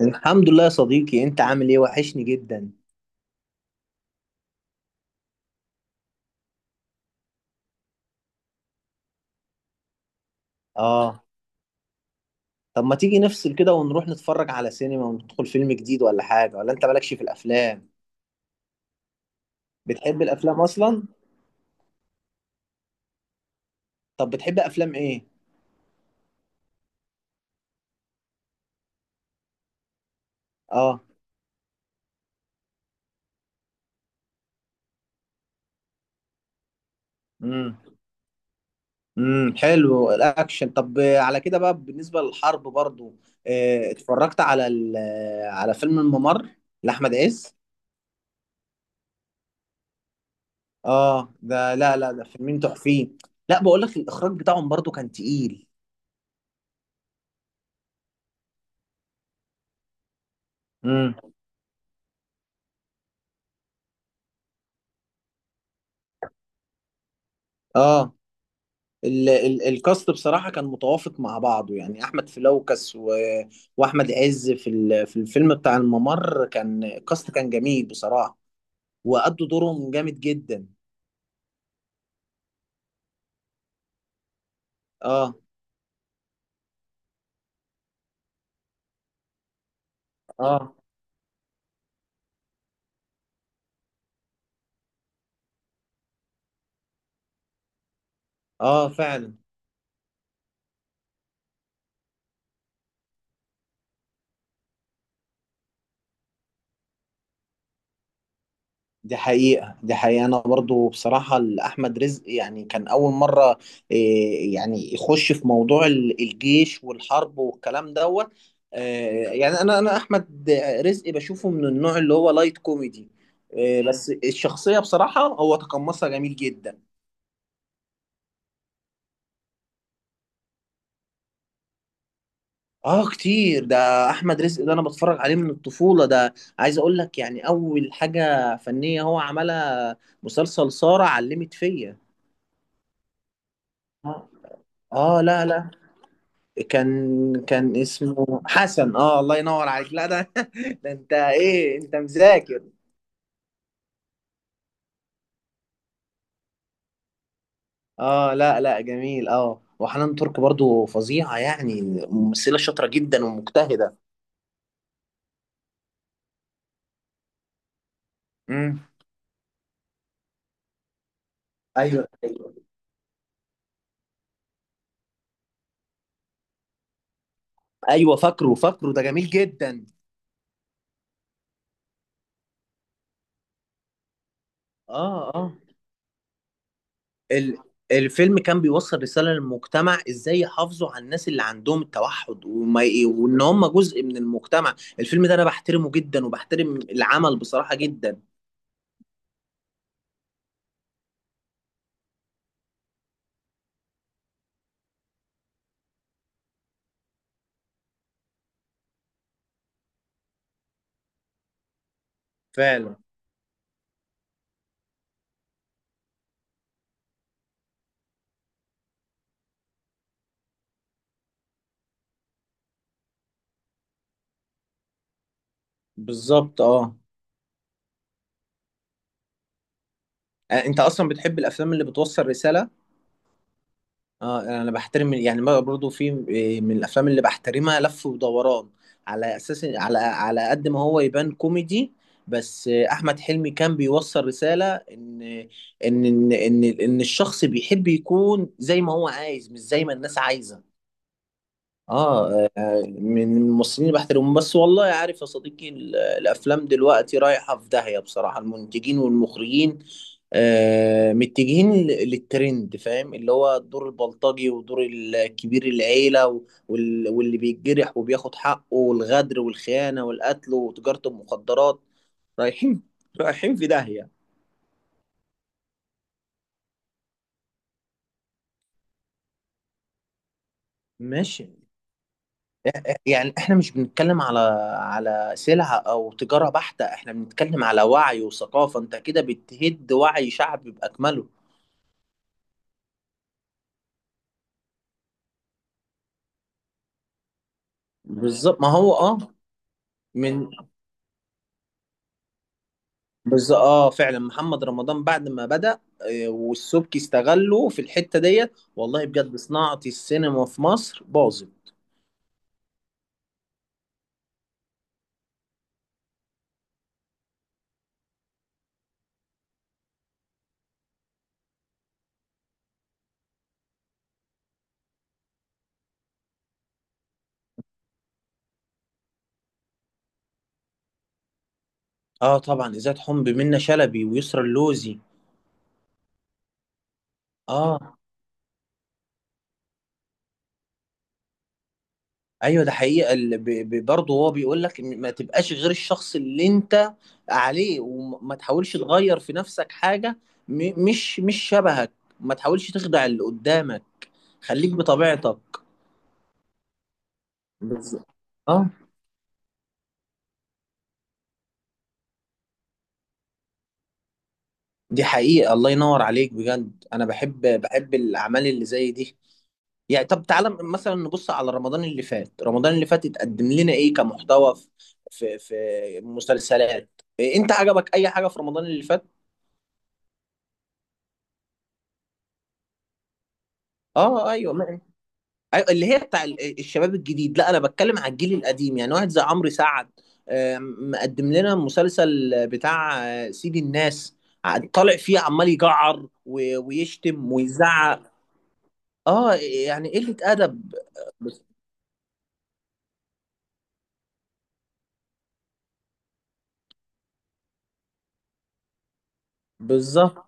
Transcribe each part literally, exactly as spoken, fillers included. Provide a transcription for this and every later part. الحمد لله يا صديقي، انت عامل ايه؟ وحشني جدا. اه. طب ما تيجي نفصل كده ونروح نتفرج على سينما وندخل فيلم جديد ولا حاجة؟ ولا انت مالكش في الافلام؟ بتحب الافلام اصلا؟ طب بتحب افلام ايه؟ اه. امم امم حلو الاكشن. طب آه، على كده بقى بالنسبة للحرب برضو. اه. اتفرجت على ال- آه، على فيلم الممر لاحمد عز. اه، ده لا لا، ده فيلمين تحفين. لا، بقول لك الاخراج بتاعهم برضو كان تقيل. امم اه. ال- ال- الكاست بصراحة كان متوافق مع بعضه، يعني أحمد فلوكس و... وأحمد عز في ال... في الفيلم بتاع الممر كان الكاست كان جميل بصراحة. وأدوا دورهم جامد جدا. اه اه. اه فعلا. دي حقيقة دي حقيقة، أنا برضو بصراحة أحمد رزق يعني كان أول مرة، إيه، يعني يخش في موضوع ال- الجيش والحرب والكلام دوت. آه، يعني أنا أنا أحمد رزق بشوفه من النوع اللي هو لايت كوميدي. آه، بس الشخصية بصراحة هو تقمصها جميل جدا. آه كتير، ده أحمد رزق ده أنا بتفرج عليه من الطفولة ده. عايز أقول لك يعني أول حاجة فنية هو عملها مسلسل سارة علمت فيا. آه. آه، لا لا، كان كان اسمه حسن. اه الله ينور عليك، لا ده ده انت ايه؟ انت مذاكر؟ اه لا لا، جميل. اه وحنان ترك برضو فظيعة يعني، ممثلة شاطرة جدا ومجتهدة. امم. ايوه ايوه. ايوه فاكره فاكره، ده جميل جدا. اه اه. ال الفيلم كان بيوصل رسالة للمجتمع، ازاي يحافظوا على الناس اللي عندهم التوحد، وما ي- وان هم جزء من المجتمع. الفيلم ده انا بحترمه جدا وبحترم العمل بصراحة جدا. فعلا. بالظبط اه. آه، انت اصلا بتحب الافلام اللي بتوصل رساله؟ اه انا بحترم يعني، ما برضو في آه، من الافلام اللي بحترمها لف ودوران، على اساس على على قد ما هو يبان كوميدي، بس آه، احمد حلمي كان بيوصل رساله ان ان ان ان, إن الشخص بيحب يكون زي ما هو عايز، مش زي ما الناس عايزه. اه آه، من الممثلين اللي بحترمهم. بس والله عارف يا صديقي، ال- الافلام دلوقتي رايحه في داهيه بصراحه. المنتجين والمخرجين آه متجهين ل- للترند، فاهم؟ اللي هو الدور البلطجي ودور الكبير العيله و- وال- واللي بيتجرح وبياخد حقه، والغدر والخيانه والقتل وتجاره المخدرات. رايحين، رايحين في داهيه. ماشي. يعني احنا مش بنتكلم على على سلعة او تجارة بحتة، احنا بنتكلم على وعي وثقافة. انت كده بتهد وعي شعب بأكمله. بالظبط، ما هو اه من. بالظبط اه فعلا، محمد رمضان بعد ما بدأ آه، والسبكي استغله في الحتة ديت، والله بجد صناعة السينما في مصر باظت. اه طبعا، إذاعة حمب منة شلبي ويسرا اللوزي. اه ايوه، ده حقيقه. ال- ب- ب- برضه هو بيقول لك إن ما تبقاش غير الشخص اللي انت عليه، وما تحاولش تغير في نفسك حاجه. م- مش مش شبهك، ما تحاولش تخدع اللي قدامك. خليك بطبيعتك. بالظبط اه. دي حقيقه، الله ينور عليك بجد. انا بحب بحب الاعمال اللي زي دي. يعني طب تعالى مثلا نبص على رمضان اللي فات. رمضان اللي فات اتقدم لنا ايه كمحتوى في في في مسلسلات؟ إيه، انت عجبك اي حاجه في رمضان اللي فات؟ اه ايوه ايوه، اللي هي بتاع ال- الشباب الجديد. لا، انا بتكلم على الجيل القديم، يعني واحد زي عمرو سعد آه، مقدم لنا مسلسل بتاع آه، سيد الناس. ع- طالع فيه عمال يجعر و- ويشتم ويزعق. اه يعني قلة ادب. بس- بالظبط،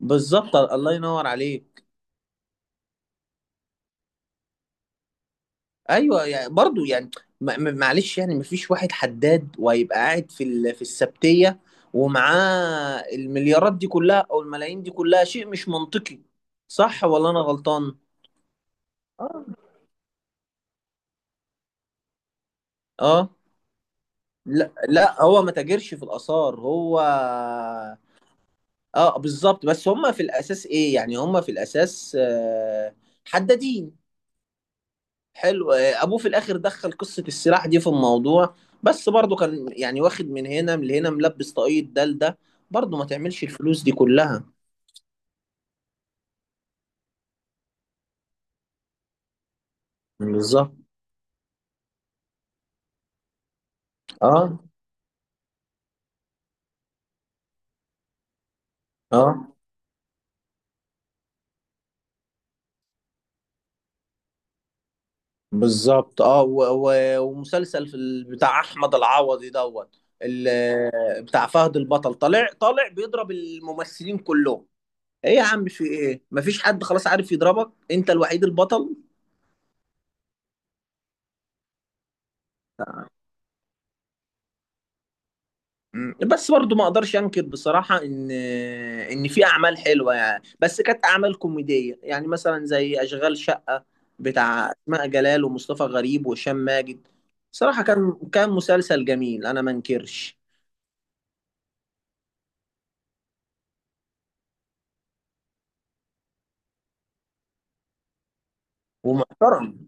بالظبط الله ينور عليك. ايوه يعني برضو يعني، ما- ما- معلش يعني، مفيش واحد حداد وهيبقى قاعد في ال- في السبتيه ومعاه المليارات دي كلها او الملايين دي كلها. شيء مش منطقي. صح ولا انا غلطان؟ اه اه. لا لا، هو ما تاجرش في الاثار، هو اه بالظبط، بس هم في الاساس ايه يعني، هم في الاساس آه، حدادين. حلو. آه، ابوه في الاخر دخل قصه السلاح دي في الموضوع، بس برضه كان يعني واخد من هنا من هنا، ملبس طاقية ده لده. برضه ما تعملش الفلوس دي كلها. بالظبط اه. اه بالظبط اه و- و- ومسلسل في ال- بتاع احمد العوضي دوت، ال- بتاع فهد البطل، طالع طالع بيضرب الممثلين كلهم. ايه يا عم؟ في ايه؟ مفيش حد خلاص عارف يضربك؟ انت الوحيد البطل. مم. بس برضو ما اقدرش انكر بصراحة ان ان في اعمال حلوة يعني، بس كانت اعمال كوميدية، يعني مثلا زي اشغال شقة بتاع اسماء جلال ومصطفى غريب وهشام ماجد. صراحة كان كان مسلسل جميل، انا ما انكرش. ومحترم.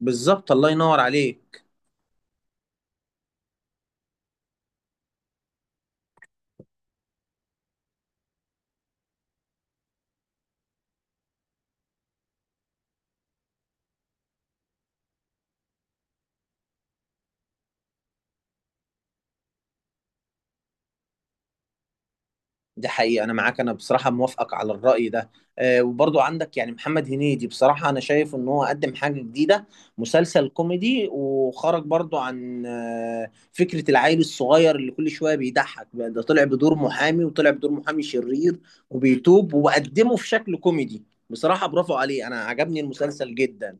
بالظبط الله ينور عليك. دي حقيقة أنا معاك، أنا بصراحة موافقك على الرأي ده. آه، وبرضو عندك يعني محمد هنيدي، بصراحة أنا شايف إن هو قدم حاجة جديدة. مسلسل كوميدي، وخرج برضو عن آه، فكرة العيل الصغير اللي كل شوية بيضحك، ده طلع بدور محامي، وطلع بدور محامي شرير وبيتوب، وقدمه في شكل كوميدي. بصراحة برافو عليه، أنا عجبني المسلسل جدا.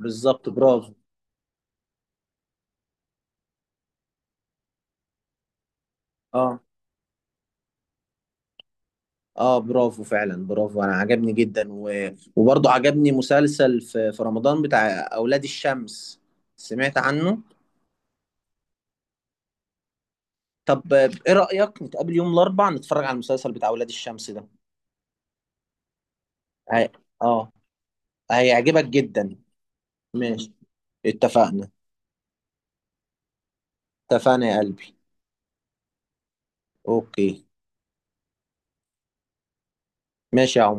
بالظبط برافو. اه اه برافو، فعلا برافو، انا عجبني جدا و... وبرضه عجبني مسلسل في... في رمضان بتاع اولاد الشمس. سمعت عنه؟ طب ايه رأيك نتقابل يوم الاربعاء نتفرج على المسلسل بتاع اولاد الشمس ده؟ هي... اه. هيعجبك جدا. ماشي. اتفقنا. اتفقنا يا قلبي. اوكي. ماشي يا عمر.